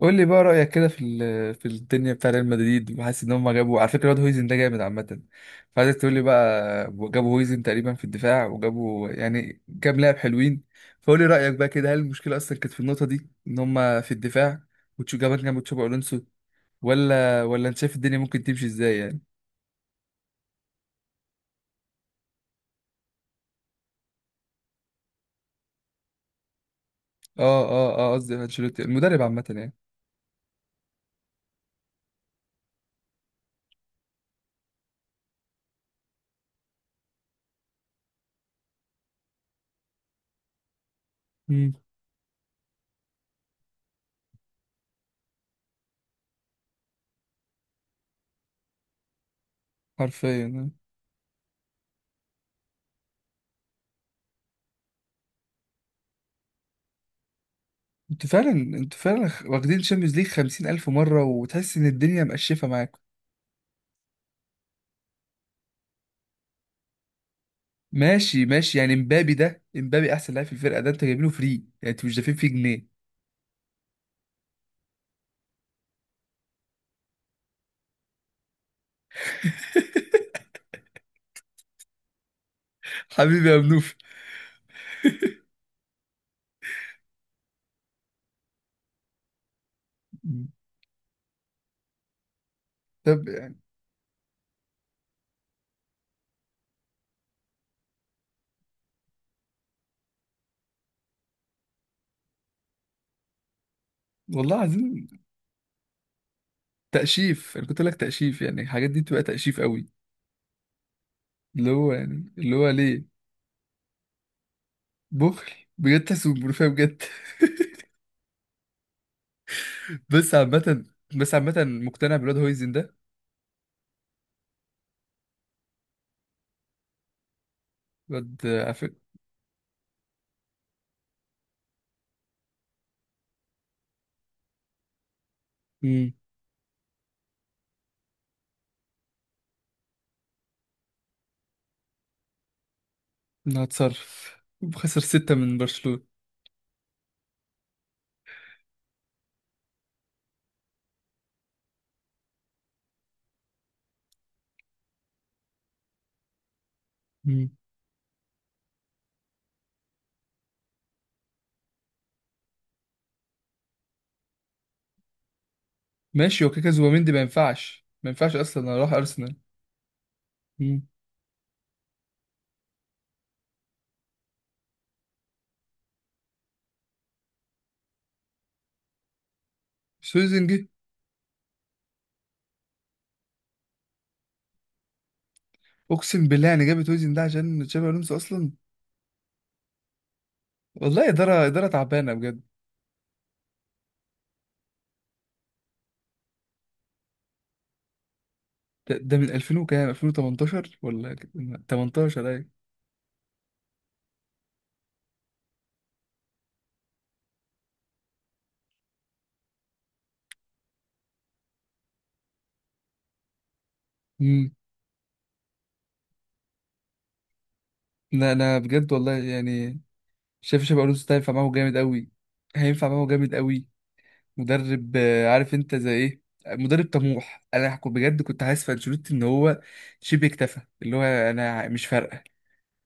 قول لي بقى رأيك كده في في الدنيا بتاع ريال مدريد، وحاسس ان هم جابوا. على فكرة، الواد هويزن ده جامد عامة. فعايزك تقول لي بقى، جابوا هويزن تقريبا في الدفاع، وجابوا يعني كام لاعب حلوين. فقول لي رأيك بقى كده، هل المشكلة اصلا كانت في النقطة دي، ان هم في الدفاع وتشو جابان جنب تشابي الونسو، ولا انت شايف الدنيا ممكن تمشي ازاي يعني. اه اه اه، قصدي انشيلوتي المدرب عامة يعني. امم. حرفيا آه. انتوا فعلا واخدين شامبيونز ليج خمسين ألف مرة، وتحس ان الدنيا مقشفة معاكم. ماشي ماشي، يعني امبابي ده، امبابي احسن لاعب في الفرقه ده، انت جايب له فري، يعني انتوا مش دافعين فيه جنيه. حبيبي يا منوف. طب يعني، والله عايزين. تأشيف، انا كنت اقول لك تأشيف، يعني الحاجات دي بتبقى تأشيف قوي. اللي هو يعني اللي هو ليه. بخل. بجد تحسه ملوخية بجد. بس عامة بس عامة مقتنع بالواد هويزن ده. الواد عفك. امم. هتصرف. وخسر ستة من برشلونة. مم. ماشي، هو كده كده زوبيمندي ما ينفعش اصلا، انا راح ارسنال. سويزن جه. اقسم بالله، يعني جابت سويزن ده عشان تشابي الونسو اصلا. والله اداره تعبانه بجد. ده من 2000 وكام، 2018 ولا كده؟ 18 ايوه. امم. لا انا بجد والله يعني، شايف تشابي الونسو ده هينفع معاهم جامد قوي. هينفع معاهم جامد قوي مدرب عارف انت زي ايه، مدرب طموح. بجد كنت حاسس في انشيلوتي ان هو شبه اكتفى، اللي هو انا مش فارقه،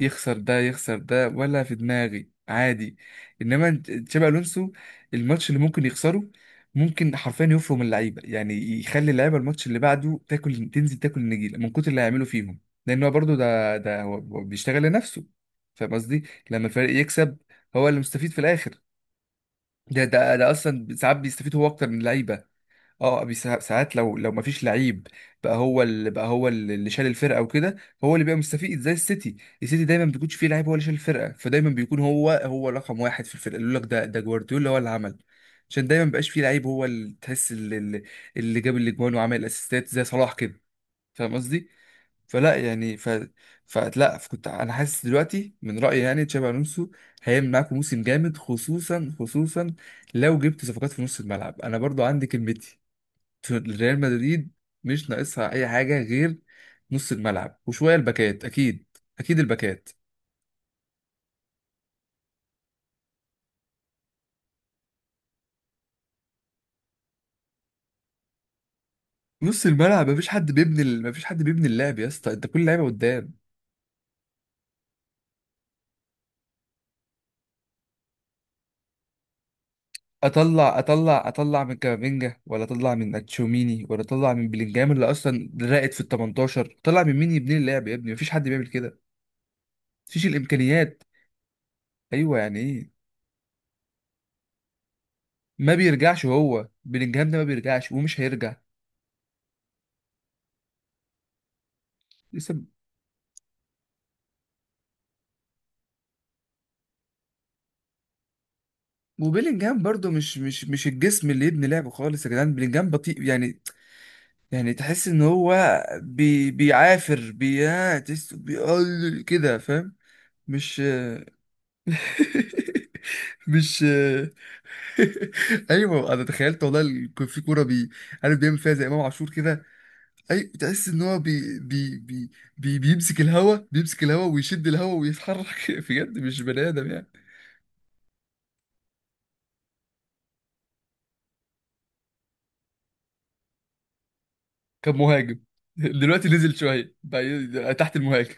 يخسر ده يخسر ده ولا في دماغي عادي. تشابي الونسو، الماتش اللي ممكن يخسره ممكن حرفيا يفرم اللعيبه، يعني يخلي اللعيبه الماتش اللي بعده تاكل، تنزل تاكل النجيله من كتر اللي هيعمله فيهم. لان هو برضه ده ده هو هو بيشتغل لنفسه. فاهم قصدي؟ لما الفريق يكسب، هو اللي مستفيد في الاخر. ده اصلا ساعات بيستفيد هو اكتر من اللعيبه. اه ساعات لو مفيش لعيب، بقى هو اللي شال الفرقه وكده، هو اللي بيبقى مستفيد. زي السيتي، السيتي دايما ما بيكونش فيه لعيب، هو اللي شال الفرقه، فدايما بيكون هو رقم واحد في الفرقه، يقول لك ده جوارديولا هو اللي عمل. عشان دايما مبقاش فيه لعيب، هو اللي تحس اللي, اللي جاب الاجوان وعمل الاسيستات زي صلاح كده. فاهم قصدي؟ فلا يعني ف فلا كنت انا حاسس دلوقتي، من رايي يعني تشابي الونسو هيعمل معاكم موسم جامد، خصوصا خصوصا لو جبت صفقات في نص الملعب. انا برضو عندي كلمتي، ريال مدريد مش ناقصها اي حاجه غير نص الملعب وشويه الباكات. اكيد اكيد الباكات. نص الملعب مفيش حد مفيش حد بيبني اللعب يا اسطى، انت كل لعيبه قدام. اطلع اطلع اطلع من كامافينجا، ولا اطلع من اتشوميني، ولا اطلع من بلينجهام اللي اصلا راقد في ال 18، طلع من مين يبني اللعب يا ابني؟ مفيش حد بيعمل كده. مفيش الامكانيات. ايوه، يعني ايه. ما بيرجعش، هو بلينجهام ده ما بيرجعش ومش هيرجع. لسه. وبيلينجهام برضو مش الجسم اللي يبني لعب خالص يا جدعان، بيلينجهام بطيء يعني، يعني تحس ان هو بيعافر، بيعتس، بيقل كده، فاهم؟ مش. مش. ايوه انا تخيلت، والله كان في كوره عارف بيعمل فيها زي امام عاشور كده. اي تحس ان هو بي بي بي بي بيمسك الهوا، بيمسك الهوا ويشد الهوا ويتحرك. بجد مش بني ادم يعني. كان مهاجم. دلوقتي نزل شويه بقى، تحت المهاجم.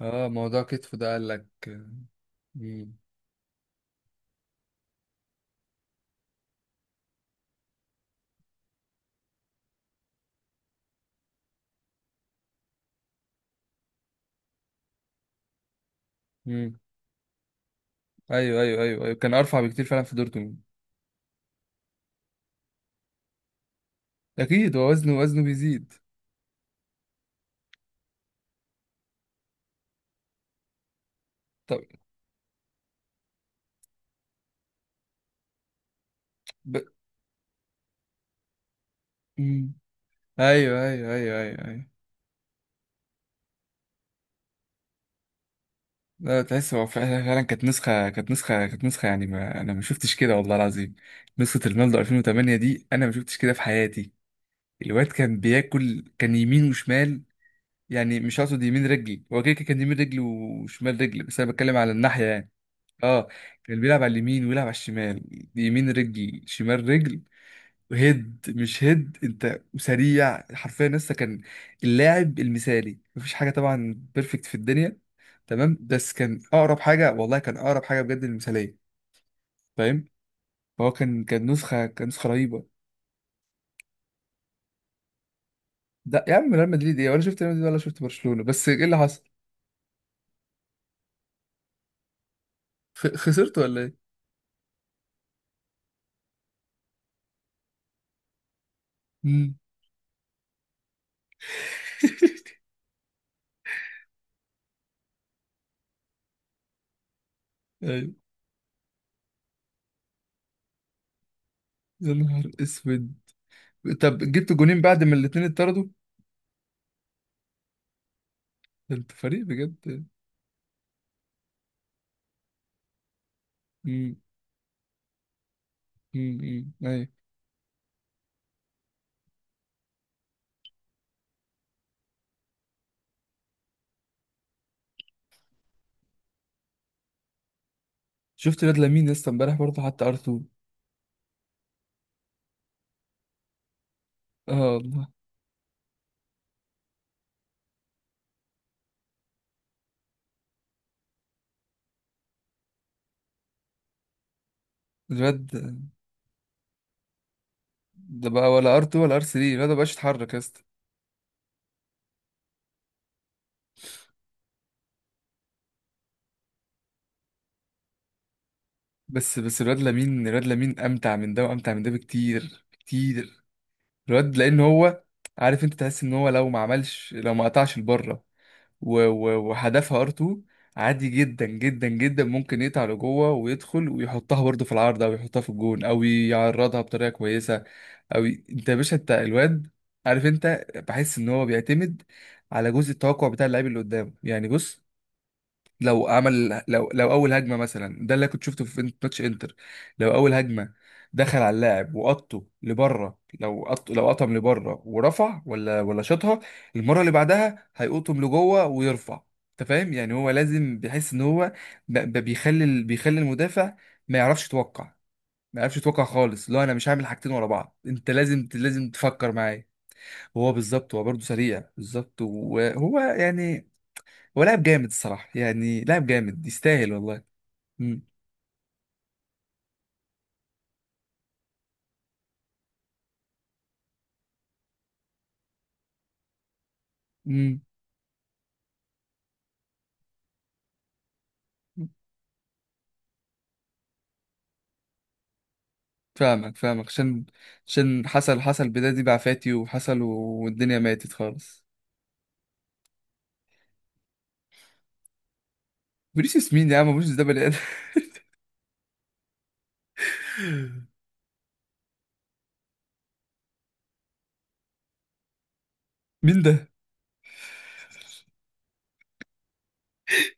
اه، موضوع كتفه ده، قال لك. مم. مم. ايوه ايوه ايوه ايوه، كان ارفع بكتير فعلا في دورتموند. اكيد، هو وزنه، وزنه بيزيد. طب. ب... مم. ايوه ايوه ايوه ايوه ايوه. لا تحس هو فعلا فعلا، كانت نسخه، يعني ما انا ما شفتش كده والله العظيم. نسخه رونالدو 2008 دي انا ما شفتش كده في حياتي. الواد كان بياكل، كان يمين وشمال، يعني مش هقصد يمين رجلي، هو كده كده كان يمين رجلي وشمال رجلي، بس انا بتكلم على الناحيه يعني. اه، كان بيلعب على اليمين ويلعب على الشمال، يمين رجل شمال رجل، هيد مش هيد، انت سريع، حرفيا لسه كان اللاعب المثالي. مفيش حاجه طبعا بيرفكت في الدنيا، تمام، بس كان اقرب حاجه، والله كان اقرب حاجه بجد للمثاليه. فاهم؟ فهو كان، كان نسخه، كان نسخه رهيبه. ده يا عم ريال مدريد ايه؟ ولا شفت ريال مدريد ولا شفت برشلونه، بس ايه اللي حصل؟ خسرت ولا ايه؟ مم. ايوه. يا نهار اسود. طب جبت جونين بعد ما الاتنين اتطردوا؟ ده انت فريق بجد. مم. امم. ايوه. شفت الواد لامين لسه امبارح، برضه حتى ار R2. اه والله. الواد ده بقى ولا ار R2 ولا ار R3، الواد ده مبقاش يتحرك يا اسطى. بس بس الواد لامين، الواد لامين امتع من ده وامتع من ده بكتير كتير. الواد لان هو، عارف انت تحس ان هو لو ما عملش، لو ما قطعش لبره وهدفها ار R2، عادي جدا جدا جدا ممكن يقطع لجوه ويدخل ويحطها برضه في العارضه ويحطها في الجون، او يعرضها بطريقه كويسه. أوي أنت يا باشا، أنت الواد، عارف أنت بحس إن هو بيعتمد على جزء التوقع بتاع اللاعب اللي قدامه، يعني بص، لو عمل، لو أول هجمة مثلا، ده اللي كنت شفته في ماتش إنتر. لو أول هجمة دخل على اللاعب وقطه لبره، لو قط لو قطم لبره ورفع، ولا شاطها، المرة اللي بعدها هيقطم لجوه ويرفع. أنت فاهم؟ يعني هو لازم بيحس إن هو بيخلي المدافع ما يعرفش يتوقع. ما عرفش يتوقع خالص، لا انا مش هعمل حاجتين ورا بعض، انت لازم لازم تفكر معايا. هو بالظبط، هو برضه سريع، بالظبط. وهو يعني هو لاعب جامد الصراحه، يعني لاعب جامد يستاهل والله. امم. امم. فاهمك فاهمك، عشان حصل، بداية دي بعفاتي وحصل، والدنيا ماتت خالص. فينيسيوس مين يا عم؟ فينيسيوس ده بني ادم. مين ده؟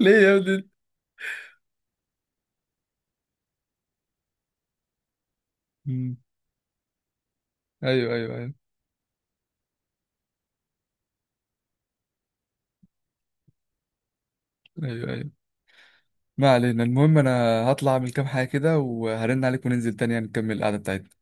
ليه يا ابني؟ مم. ايوه ايوه ايوه ايوه ايوه. ما علينا، المهم انا هطلع اعمل كام حاجة كده، وهرن عليك وننزل تاني يعني نكمل القعدة بتاعتنا.